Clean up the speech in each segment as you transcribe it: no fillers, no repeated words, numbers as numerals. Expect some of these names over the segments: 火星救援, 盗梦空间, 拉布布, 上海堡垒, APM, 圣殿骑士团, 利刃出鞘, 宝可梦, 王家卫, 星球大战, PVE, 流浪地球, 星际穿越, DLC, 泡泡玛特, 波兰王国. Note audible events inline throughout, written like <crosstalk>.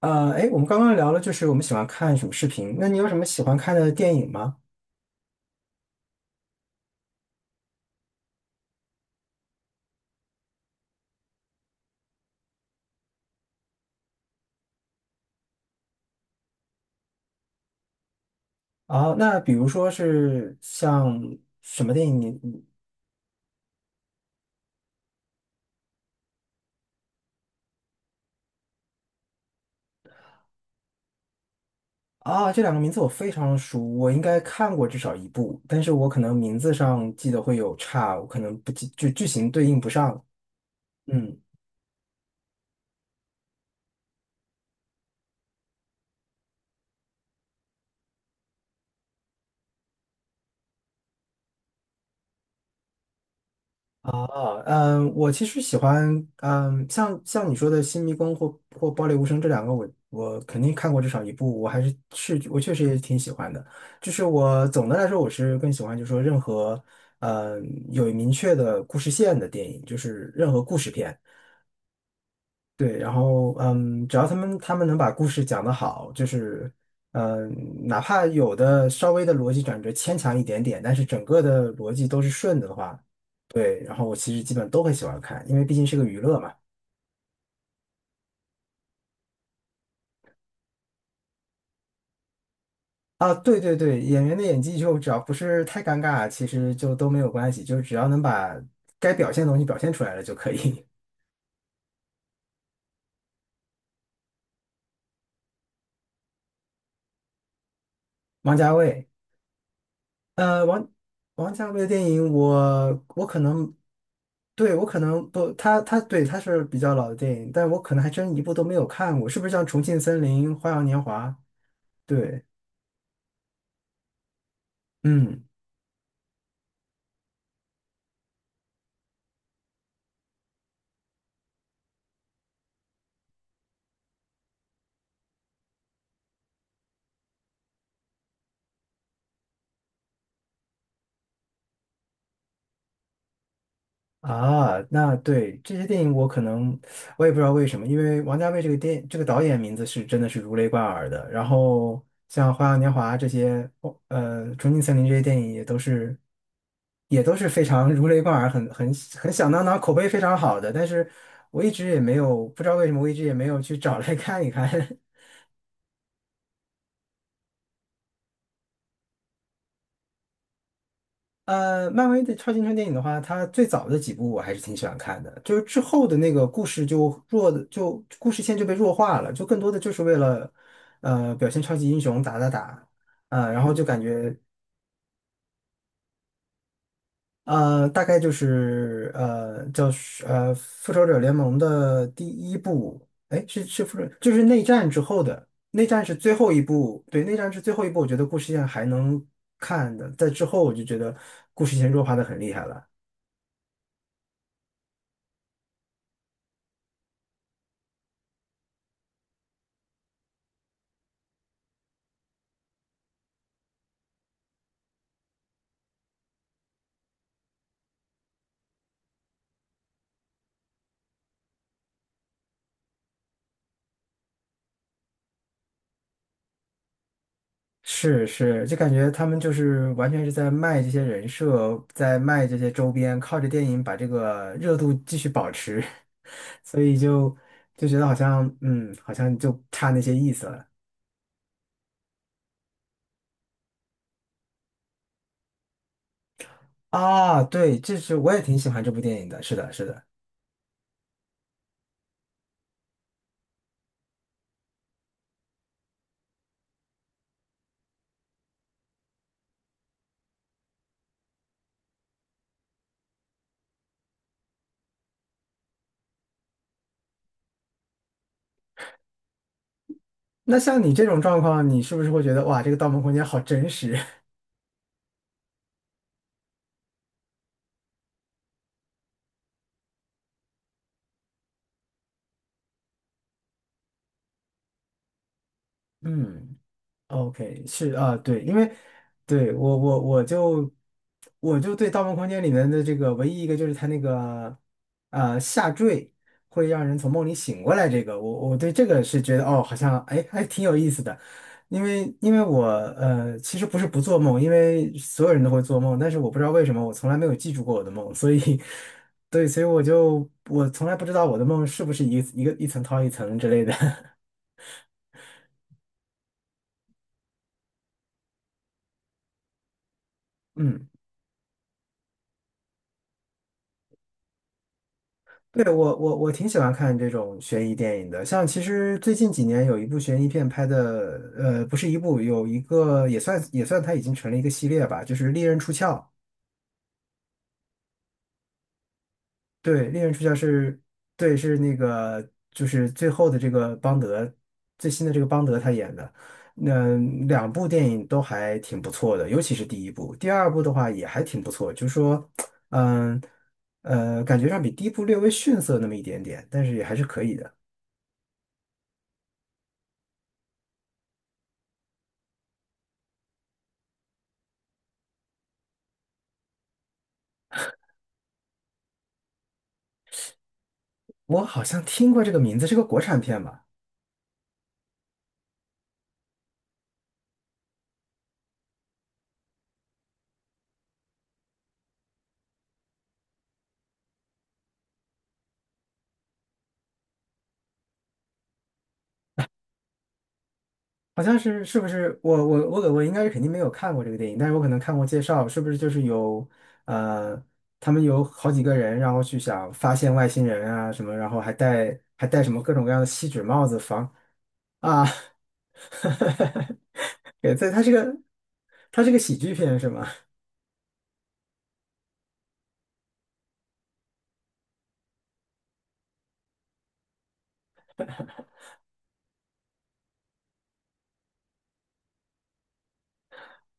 哎，我们刚刚聊了，就是我们喜欢看什么视频？那你有什么喜欢看的电影吗？啊，那比如说是像什么电影你？啊，这两个名字我非常熟，我应该看过至少一部，但是我可能名字上记得会有差，我可能不记，就剧情对应不上。嗯。啊，我其实喜欢，像你说的《新迷宫》或《爆裂无声》这两个我肯定看过至少一部，我还是我确实也挺喜欢的。就是我总的来说，我是更喜欢，就是说任何嗯有明确的故事线的电影，就是任何故事片。对，然后只要他们能把故事讲得好，就是嗯，哪怕有的稍微的逻辑转折牵强一点点，但是整个的逻辑都是顺的的话。对，然后我其实基本都很喜欢看，因为毕竟是个娱乐嘛。啊，对对对，演员的演技就只要不是太尴尬，其实就都没有关系，就只要能把该表现的东西表现出来了就可以。<laughs> 王家卫，呃，王王家卫的电影我可能，对，我可能不，他对他是比较老的电影，但我可能还真一部都没有看过，是不是像《重庆森林》《花样年华》？对，嗯。啊，那对这些电影，我可能我也不知道为什么，因为王家卫这个电这个导演名字是真的是如雷贯耳的。然后像《花样年华》这些，《重庆森林》这些电影也都是非常 <laughs> 如雷贯耳，很响当当，口碑非常好的。但是我一直也没有不知道为什么，我一直也没有去找来看一看。<laughs> 漫威的超级英雄电影的话，它最早的几部我还是挺喜欢看的，就是之后的那个故事就弱的，就故事线就被弱化了，就更多的就是为了表现超级英雄打打打，然后就感觉大概就是呃叫是呃复仇者联盟的第一部，哎是复仇就是内战之后的内战是最后一部，对，内战是最后一部，我觉得故事线还能看的，在之后我就觉得故事线弱化的很厉害了。是是，就感觉他们就是完全是在卖这些人设，在卖这些周边，靠着电影把这个热度继续保持，<laughs> 所以就觉得好像好像就差那些意思了啊。对，这是我也挺喜欢这部电影的，是的，是的。那像你这种状况，你是不是会觉得哇，这个《盗梦空间》好真实？<laughs> 嗯。 OK，是啊，对，因为对我就对《盗梦空间》里面的这个唯一一个就是它那个下坠会让人从梦里醒过来，这个我对这个是觉得哦，好像哎还挺有意思的，因为我其实不是不做梦，因为所有人都会做梦，但是我不知道为什么我从来没有记住过我的梦，所以 <laughs> 对，所以我从来不知道我的梦是不是一个一层套一层之类的，<laughs> 嗯。对，我挺喜欢看这种悬疑电影的，像其实最近几年有一部悬疑片拍的，不是一部，有一个也算它已经成了一个系列吧，就是《利刃出鞘》。对，《利刃出鞘》是，对，是那个就是最后的这个邦德，最新的这个邦德他演的，那两部电影都还挺不错的，尤其是第一部，第二部的话也还挺不错，就是说，嗯感觉上比第一部略微逊色那么一点点，但是也还是可以的。我好像听过这个名字，是个国产片吧？好像是，是不是？我应该是肯定没有看过这个电影，但是我可能看过介绍，是不是就是有呃，他们有好几个人，然后去想发现外星人啊什么，然后还戴什么各种各样的锡纸帽子防啊，<laughs> 对，它是个喜剧片是吗？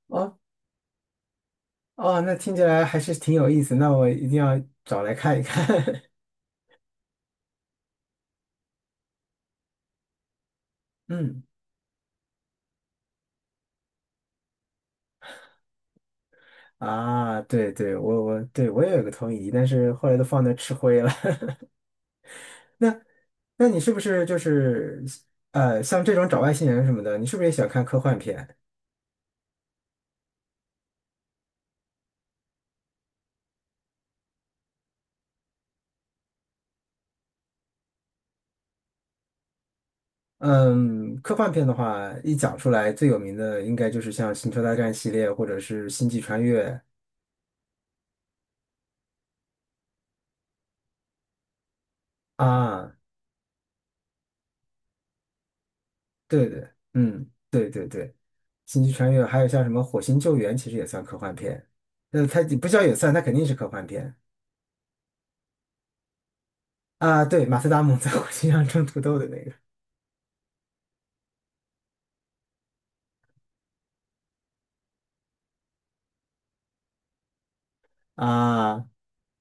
哦哦，那听起来还是挺有意思，那我一定要找来看一看。<laughs> 嗯。啊，对对，我也有个投影仪，但是后来都放那吃灰了。<laughs> 那那你是不是就是像这种找外星人什么的，你是不是也喜欢看科幻片？嗯，科幻片的话，一讲出来最有名的应该就是像《星球大战》系列或者是《星际穿越》。啊，对对，嗯，对对对，《星际穿越》还有像什么《火星救援》，其实也算科幻片。它不叫也算，它肯定是科幻片啊。对，马斯达蒙在火星上种土豆的那个。啊，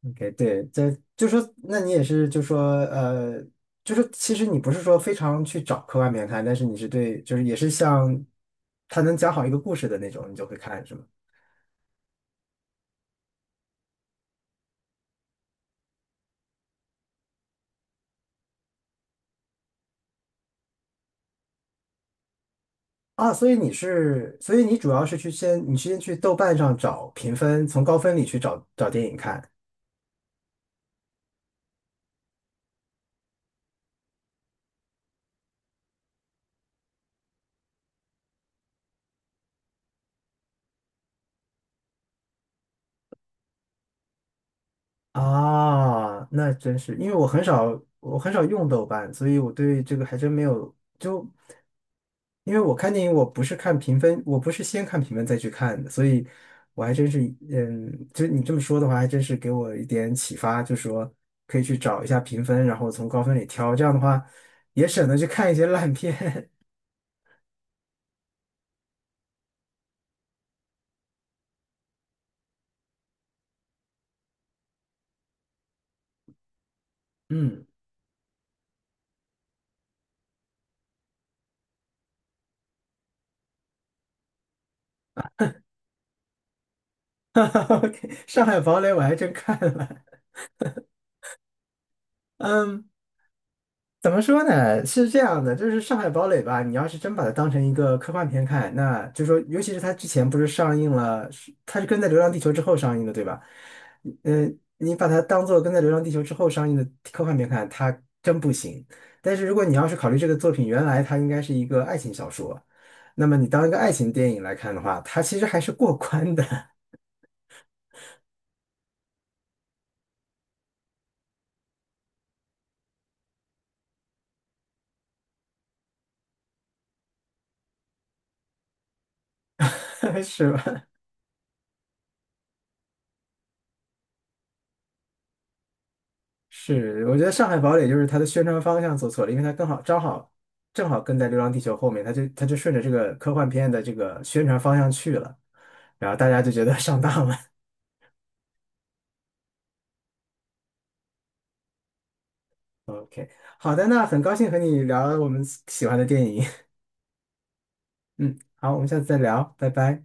OK，对，这就说，那你也是就说，呃，就是其实你不是说非常去找科幻片看，但是对，就是也是像他能讲好一个故事的那种，你就会看，是吗？啊，所以你主要是你先去豆瓣上找评分，从高分里去找找电影看。啊，那真是，因为我很少用豆瓣，所以我对这个还真没有。就因为我看电影，我不是看评分，我不是先看评分再去看的，所以我还真是，就你这么说的话，还真是给我一点启发，就说可以去找一下评分，然后从高分里挑，这样的话也省得去看一些烂片。<laughs> 嗯 <laughs>，OK，《上海堡垒》我还真看了，<laughs> 嗯。怎么说呢？是这样的，就是《上海堡垒》吧，你要是真把它当成一个科幻片看，那就说，尤其是它之前不是上映了，是它是跟在《流浪地球》之后上映的，对吧？嗯，你把它当做跟在《流浪地球》之后上映的科幻片看，它真不行。但是如果你要是考虑这个作品原来它应该是一个爱情小说，那么你当一个爱情电影来看的话，它其实还是过关的，<laughs> 是吧？是，我觉得《上海堡垒》就是它的宣传方向做错了，因为它刚好正好跟在《流浪地球》后面，它就顺着这个科幻片的这个宣传方向去了，然后大家就觉得 <laughs> 上当了。<laughs> OK，好的，那很高兴和你聊我们喜欢的电影，<laughs> 嗯，好，我们下次再聊，拜拜。